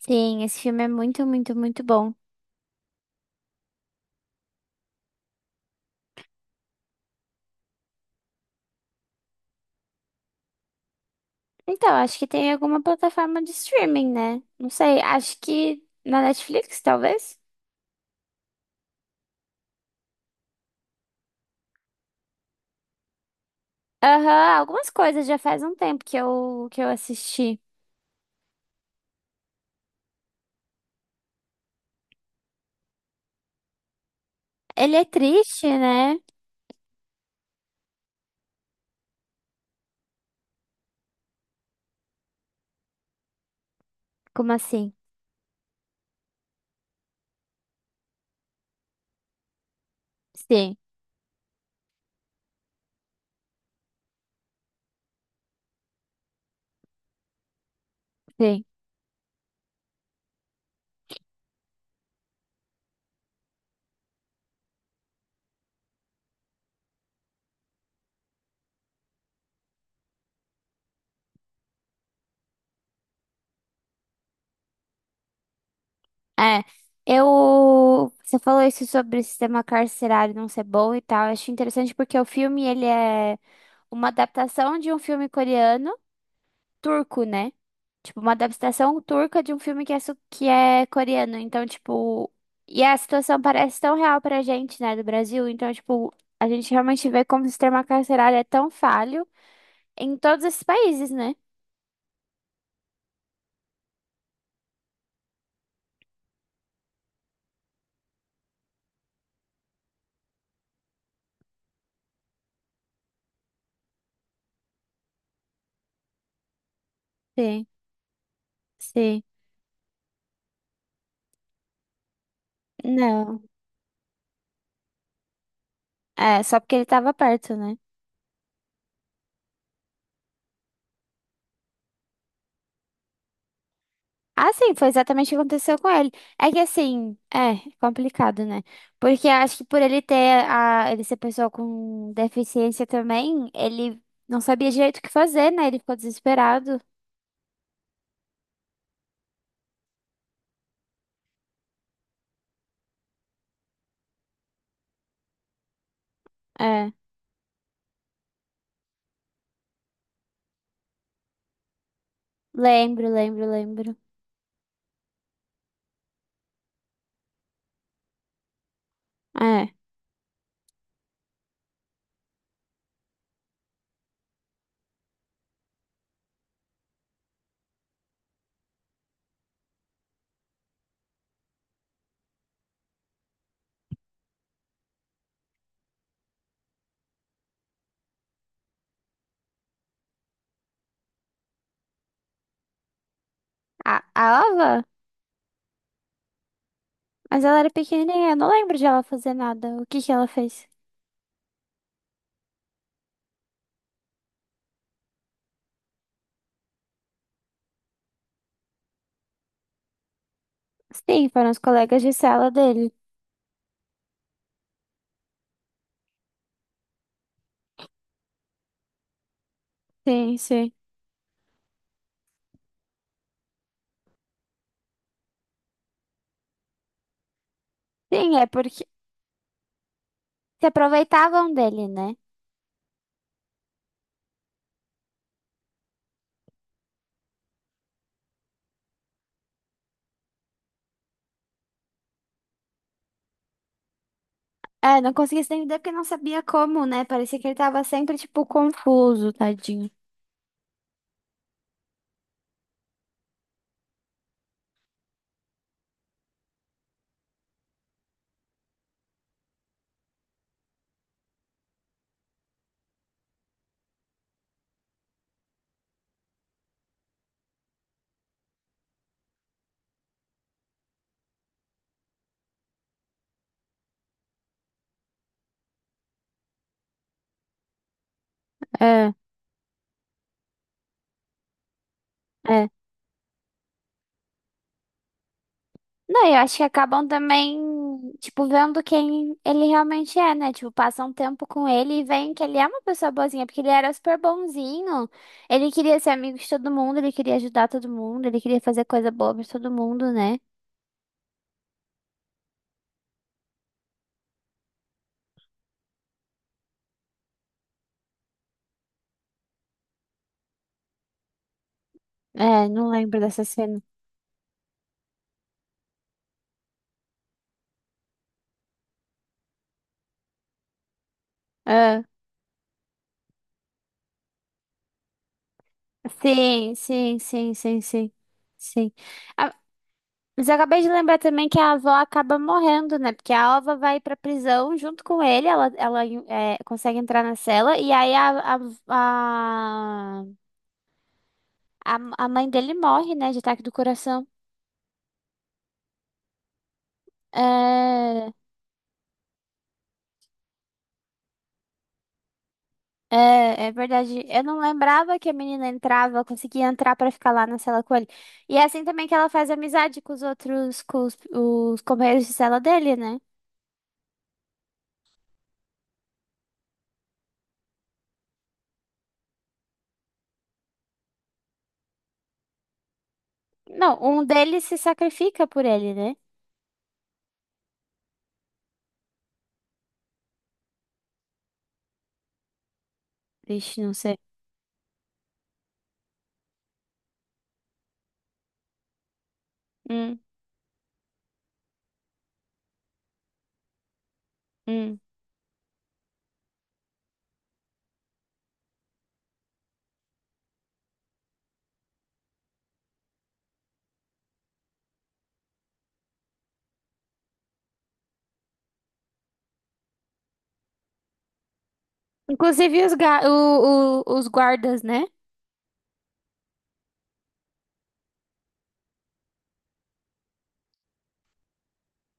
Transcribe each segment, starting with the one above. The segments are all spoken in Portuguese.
Sim, esse filme é muito, muito, muito bom. Então, acho que tem alguma plataforma de streaming, né? Não sei, acho que na Netflix, talvez? Aham, algumas coisas já faz um tempo que eu assisti. Ele é triste, né? Como assim? Sim, sim. É, Você falou isso sobre o sistema carcerário não ser bom e tal. Eu acho interessante porque o filme, ele é uma adaptação de um filme coreano turco, né? Tipo, uma adaptação turca de um filme que é, que é coreano. Então. E a situação parece tão real pra gente, né, do Brasil. Então, tipo, a gente realmente vê como o sistema carcerário é tão falho em todos esses países, né? Sim, sim. Não. É, só porque ele tava perto, né? Ah, sim, foi exatamente o que aconteceu com ele. É que assim, é complicado, né? Porque eu acho que por ele ter ele ser pessoa com deficiência também, ele não sabia direito o que fazer, né? Ele ficou desesperado. É, lembro, lembro, lembro. É. A, a Ava? Mas ela era pequenininha, eu não lembro de ela fazer nada. O que que ela fez? Sim, foram os colegas de sala dele. Sim, sim. Sim, é porque se aproveitavam dele, né? É, não conseguia se entender porque não sabia como, né? Parecia que ele tava sempre, tipo, confuso, tadinho. É, é. Não, eu acho que acabam também, tipo, vendo quem ele realmente é, né? Tipo, passam um tempo com ele e veem que ele é uma pessoa boazinha, porque ele era super bonzinho. Ele queria ser amigo de todo mundo, ele queria ajudar todo mundo, ele queria fazer coisa boa pra todo mundo, né? É, não lembro dessa cena. É. Sim, sim, sim, sim, sim. Sim. Mas eu acabei de lembrar também que a avó acaba morrendo, né? Porque a Alva vai pra prisão junto com ele, ela é, consegue entrar na cela, e aí a, a, a mãe dele morre, né? De ataque do coração. É, é verdade. Eu não lembrava que a menina entrava, conseguia entrar pra ficar lá na cela com ele. E é assim também que ela faz amizade com os outros, com os companheiros de cela dele, né? Não, um deles se sacrifica por ele, né? Vixe, não sei. Hum, hum. Inclusive os, ga- o- os guardas, né?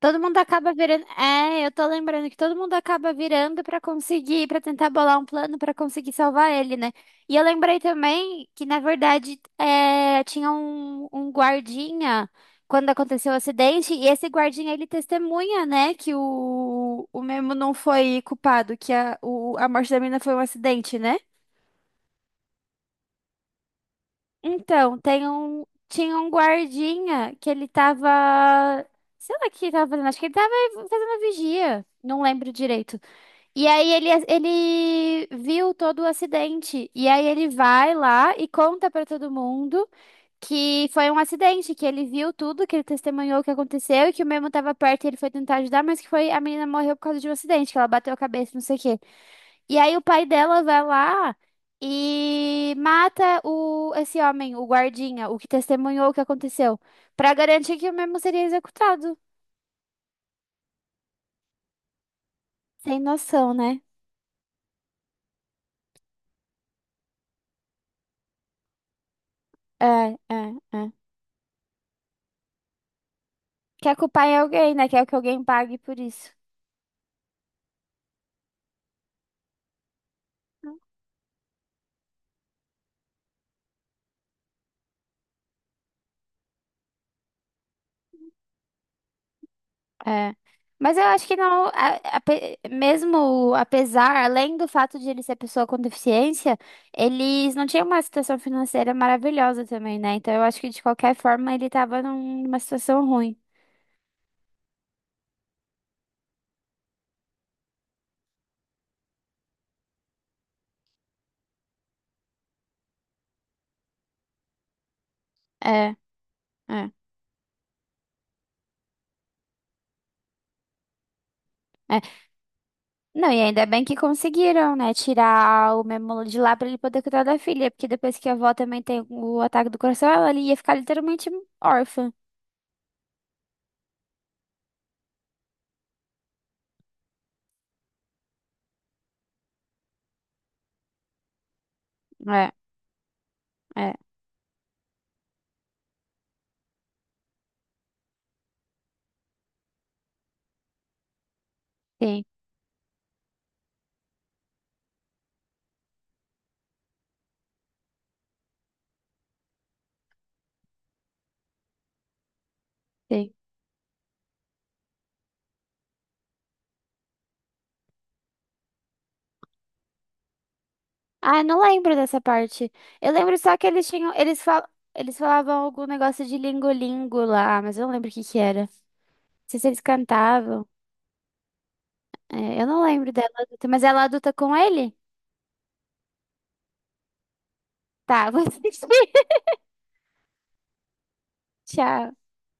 Todo mundo acaba virando. É, eu tô lembrando que todo mundo acaba virando pra conseguir, pra tentar bolar um plano pra conseguir salvar ele, né? E eu lembrei também que, na verdade, é, tinha um guardinha quando aconteceu o acidente, e esse guardinha ele testemunha, né, que o Memo não foi culpado, que a morte da menina foi um acidente, né? Então, tinha um guardinha que ele tava. Sei lá o que ele tava fazendo, acho que ele tava fazendo vigia, não lembro direito. E aí ele viu todo o acidente. E aí ele vai lá e conta pra todo mundo que foi um acidente, que ele viu tudo, que ele testemunhou o que aconteceu e que o mesmo tava perto e ele foi tentar ajudar, mas que foi a menina morreu por causa de um acidente, que ela bateu a cabeça, não sei o quê. E aí o pai dela vai lá e mata o esse homem, o guardinha, o que testemunhou o que aconteceu, pra garantir que o mesmo seria executado. Sem noção, né? É, é, é. Quer culpar em alguém, né? Quer que alguém pague por isso. É. Mas eu acho que não, mesmo apesar, além do fato de ele ser pessoa com deficiência, eles não tinham uma situação financeira maravilhosa também, né? Então eu acho que de qualquer forma ele tava numa situação ruim. É, é, é. Não, e ainda bem que conseguiram, né? Tirar o Memolo de lá pra ele poder cuidar da filha, porque depois que a avó também tem o ataque do coração, ela ali ia ficar literalmente órfã. É, é, sim, sim. Ah, eu não lembro dessa parte. Eu lembro só que eles falavam algum negócio de lingolingo lá, mas eu não lembro o que que era. Não sei se eles cantavam. É, eu não lembro dela adulta, mas ela adulta com ele? Tá, vou assistir. Tchau.